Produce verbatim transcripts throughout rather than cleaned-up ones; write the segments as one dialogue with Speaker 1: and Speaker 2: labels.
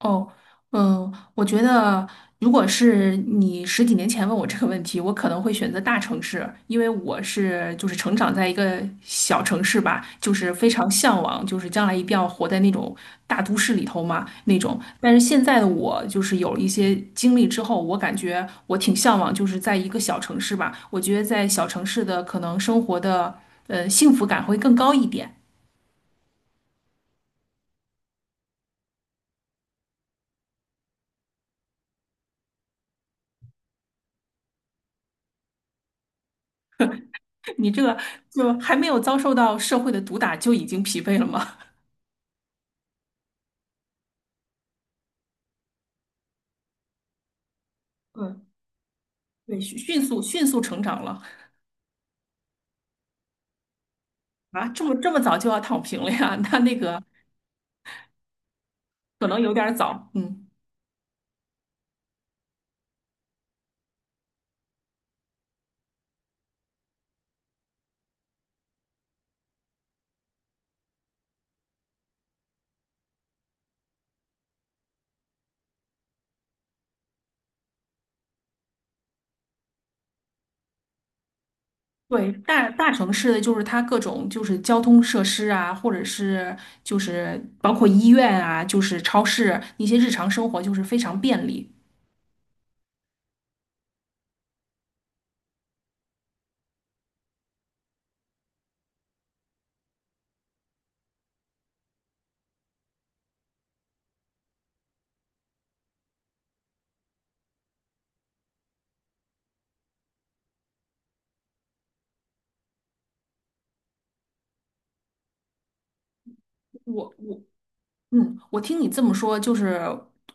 Speaker 1: 哦，嗯，我觉得如果是你十几年前问我这个问题，我可能会选择大城市，因为我是就是成长在一个小城市吧，就是非常向往，就是将来一定要活在那种大都市里头嘛那种。但是现在的我就是有一些经历之后，我感觉我挺向往，就是在一个小城市吧。我觉得在小城市的可能生活的呃幸福感会更高一点。你这个就还没有遭受到社会的毒打就已经疲惫了吗？嗯，对，迅迅速迅速成长了啊！这么这么早就要躺平了呀？那那个可能有点儿早。嗯，对，大大城市的就是它各种就是交通设施啊，或者是就是包括医院啊，就是超市一些日常生活就是非常便利。我我嗯，我听你这么说，就是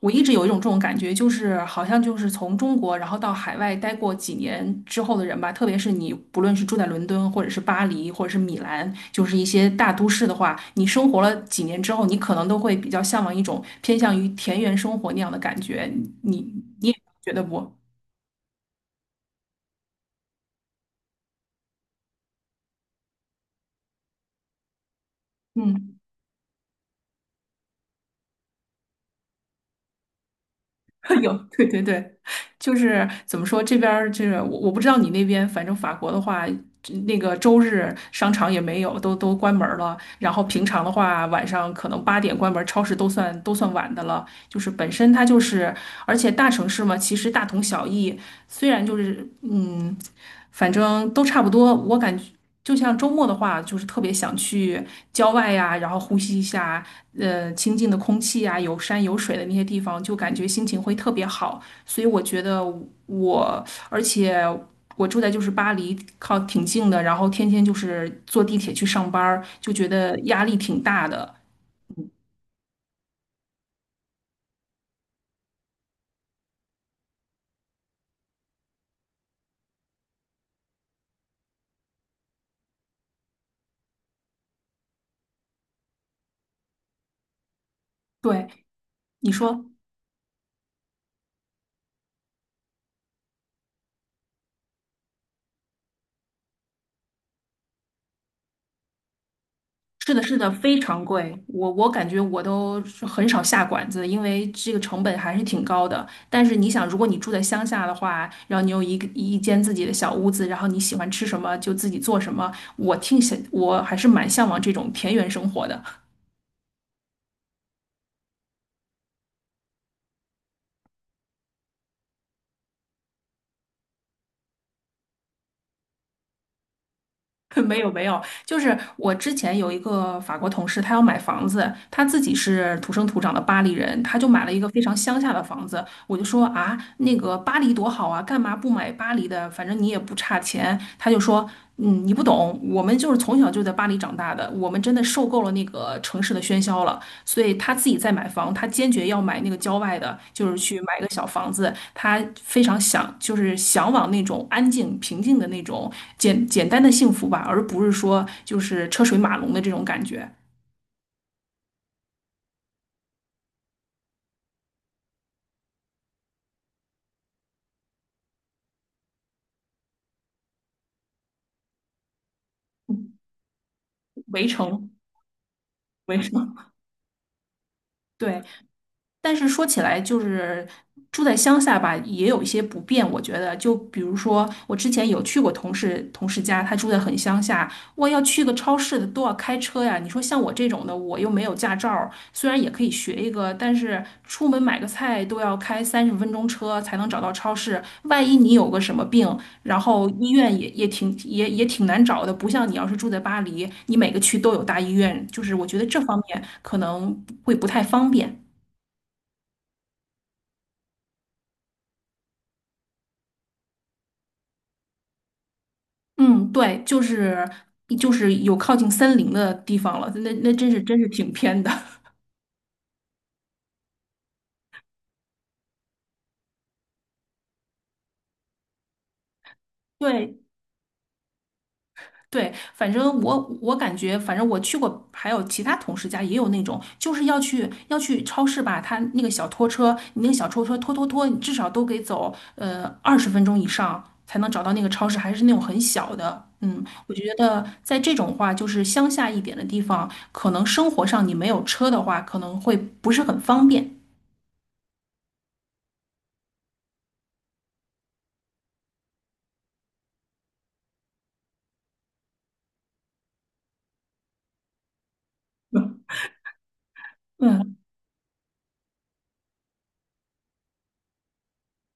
Speaker 1: 我一直有一种这种感觉，就是好像就是从中国然后到海外待过几年之后的人吧，特别是你不论是住在伦敦，或者是巴黎，或者是米兰，就是一些大都市的话，你生活了几年之后，你可能都会比较向往一种偏向于田园生活那样的感觉，你你你也觉得不？嗯。有，对对对，就是怎么说，这边儿就是我我不知道你那边，反正法国的话，这那个周日商场也没有，都都关门儿了。然后平常的话，晚上可能八点关门儿超市都算都算晚的了。就是本身它就是，而且大城市嘛，其实大同小异。虽然就是嗯，反正都差不多，我感觉。就像周末的话，就是特别想去郊外呀，然后呼吸一下呃清静的空气呀，有山有水的那些地方，就感觉心情会特别好。所以我觉得我，而且我住在就是巴黎，靠挺近的，然后天天就是坐地铁去上班儿就觉得压力挺大的。对，你说。是的，是的，非常贵。我我感觉我都是很少下馆子，因为这个成本还是挺高的。但是你想，如果你住在乡下的话，然后你有一个一间自己的小屋子，然后你喜欢吃什么就自己做什么，我挺想，我还是蛮向往这种田园生活的。没有没有，就是我之前有一个法国同事，他要买房子，他自己是土生土长的巴黎人，他就买了一个非常乡下的房子。我就说啊，那个巴黎多好啊，干嘛不买巴黎的？反正你也不差钱。他就说，嗯，你不懂，我们就是从小就在巴黎长大的。呃我们真的受够了那个城市的喧嚣了，所以他自己在买房，他坚决要买那个郊外的，就是去买个小房子，他非常想，就是向往那种安静、平静的那种简简单的幸福吧，而不是说就是车水马龙的这种感觉。嗯围城，围城，对。但是说起来，就是住在乡下吧，也有一些不便。我觉得，就比如说，我之前有去过同事同事家，他住在很乡下，我要去个超市的都要开车呀。你说像我这种的，我又没有驾照儿虽然也可以学一个，但是出门买个菜都要开三十分钟车才能找到超市。万一你有个什么病，然后医院也也挺也也挺难找的，不像你要是住在巴黎，你每个区都有大医院，就是我觉得这方面可能会不太方便。嗯，对，就是就是有靠近森林的地方了，那那真是真是挺偏的。对对，反正我我感觉，反正我去过，还有其他同事家也有那种，就是要去要去超市吧，他那个小拖车，你那个小拖车拖拖拖，你至少都得走呃二十分钟以上才能找到那个超市，还是那种很小的。嗯，我觉得在这种话，就是乡下一点的地方，可能生活上你没有车的话，可能会不是很方便。嗯，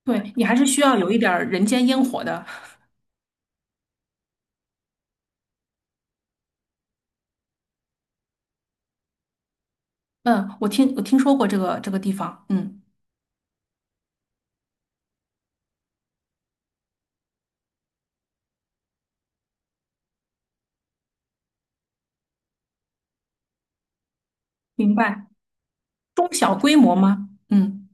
Speaker 1: 对，你还是需要有一点儿人间烟火的。嗯，我听我听说过这个这个地方，嗯，明白。中小规模吗？嗯，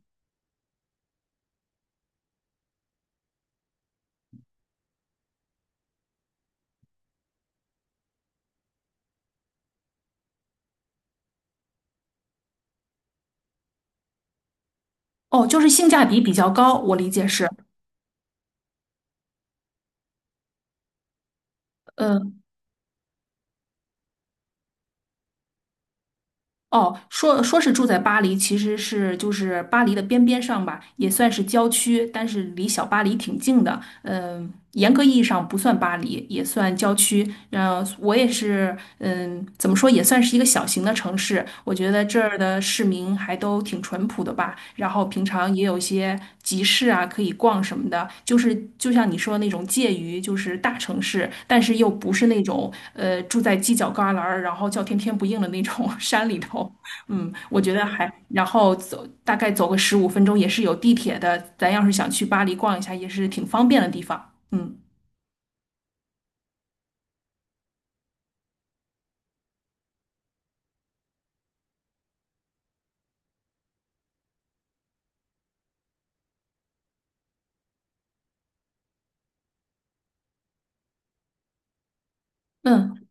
Speaker 1: 哦，就是性价比比较高，我理解是。嗯，哦，说说是住在巴黎，其实是就是巴黎的边边上吧，也算是郊区，但是离小巴黎挺近的。嗯，严格意义上不算巴黎，也算郊区。嗯，我也是，嗯，怎么说也算是一个小型的城市。我觉得这儿的市民还都挺淳朴的吧，然后平常也有一些集市啊可以逛什么的，就是就像你说的那种介于就是大城市，但是又不是那种呃住在犄角旮旯儿，然后叫天天不应的那种 山里头。嗯，我觉得还，然后走大概走个十五分钟也是有地铁的，咱要是想去巴黎逛一下也是挺方便的地方。嗯嗯。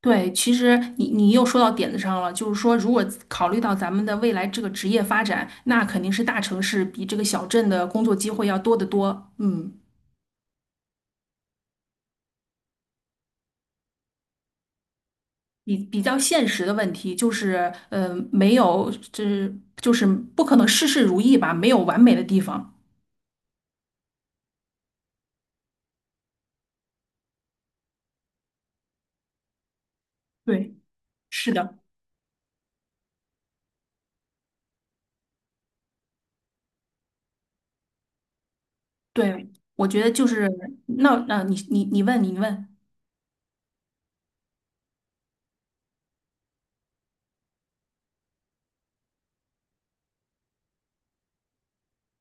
Speaker 1: 对，其实你你又说到点子上了，就是说，如果考虑到咱们的未来这个职业发展，那肯定是大城市比这个小镇的工作机会要多得多。嗯，比比较现实的问题就是，呃，没有，就是就是不可能事事如意吧，没有完美的地方。对，是的，对，我觉得就是，那，那、你你你问你问。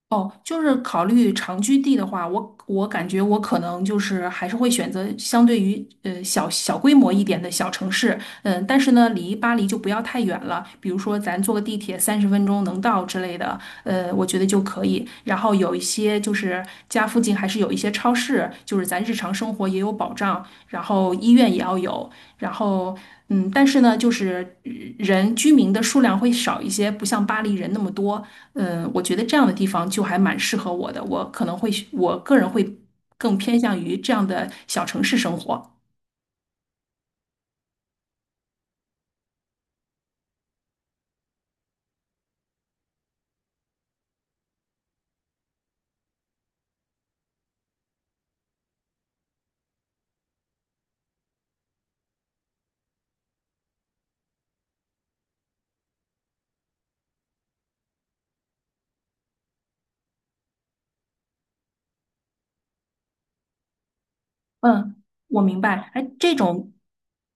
Speaker 1: 哦，就是考虑长居地的话，我我感觉我可能就是还是会选择相对于呃小小规模一点的小城市，嗯，但是呢，离巴黎就不要太远了，比如说咱坐个地铁三十分钟能到之类的，呃，我觉得就可以。然后有一些就是家附近还是有一些超市，就是咱日常生活也有保障，然后医院也要有，然后。嗯，但是呢，就是呃人居民的数量会少一些，不像巴黎人那么多。嗯，我觉得这样的地方就还蛮适合我的，我可能会，我个人会更偏向于这样的小城市生活。嗯，我明白。哎，这种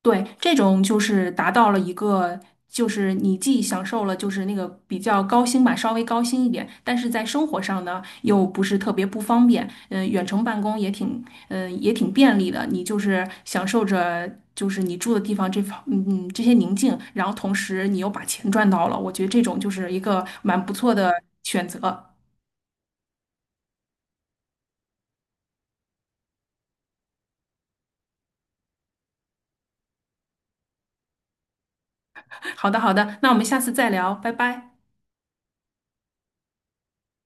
Speaker 1: 对，这种就是达到了一个，就是你既享受了就是那个比较高薪吧，稍微高薪一点，但是在生活上呢又不是特别不方便，嗯、远程办公也挺，嗯、也挺便利的，你就是享受着就是你住的地方这方，嗯嗯这些宁静，然后同时你又把钱赚到了，我觉得这种就是一个蛮不错的选择。好的，好的，那我们下次再聊，拜拜。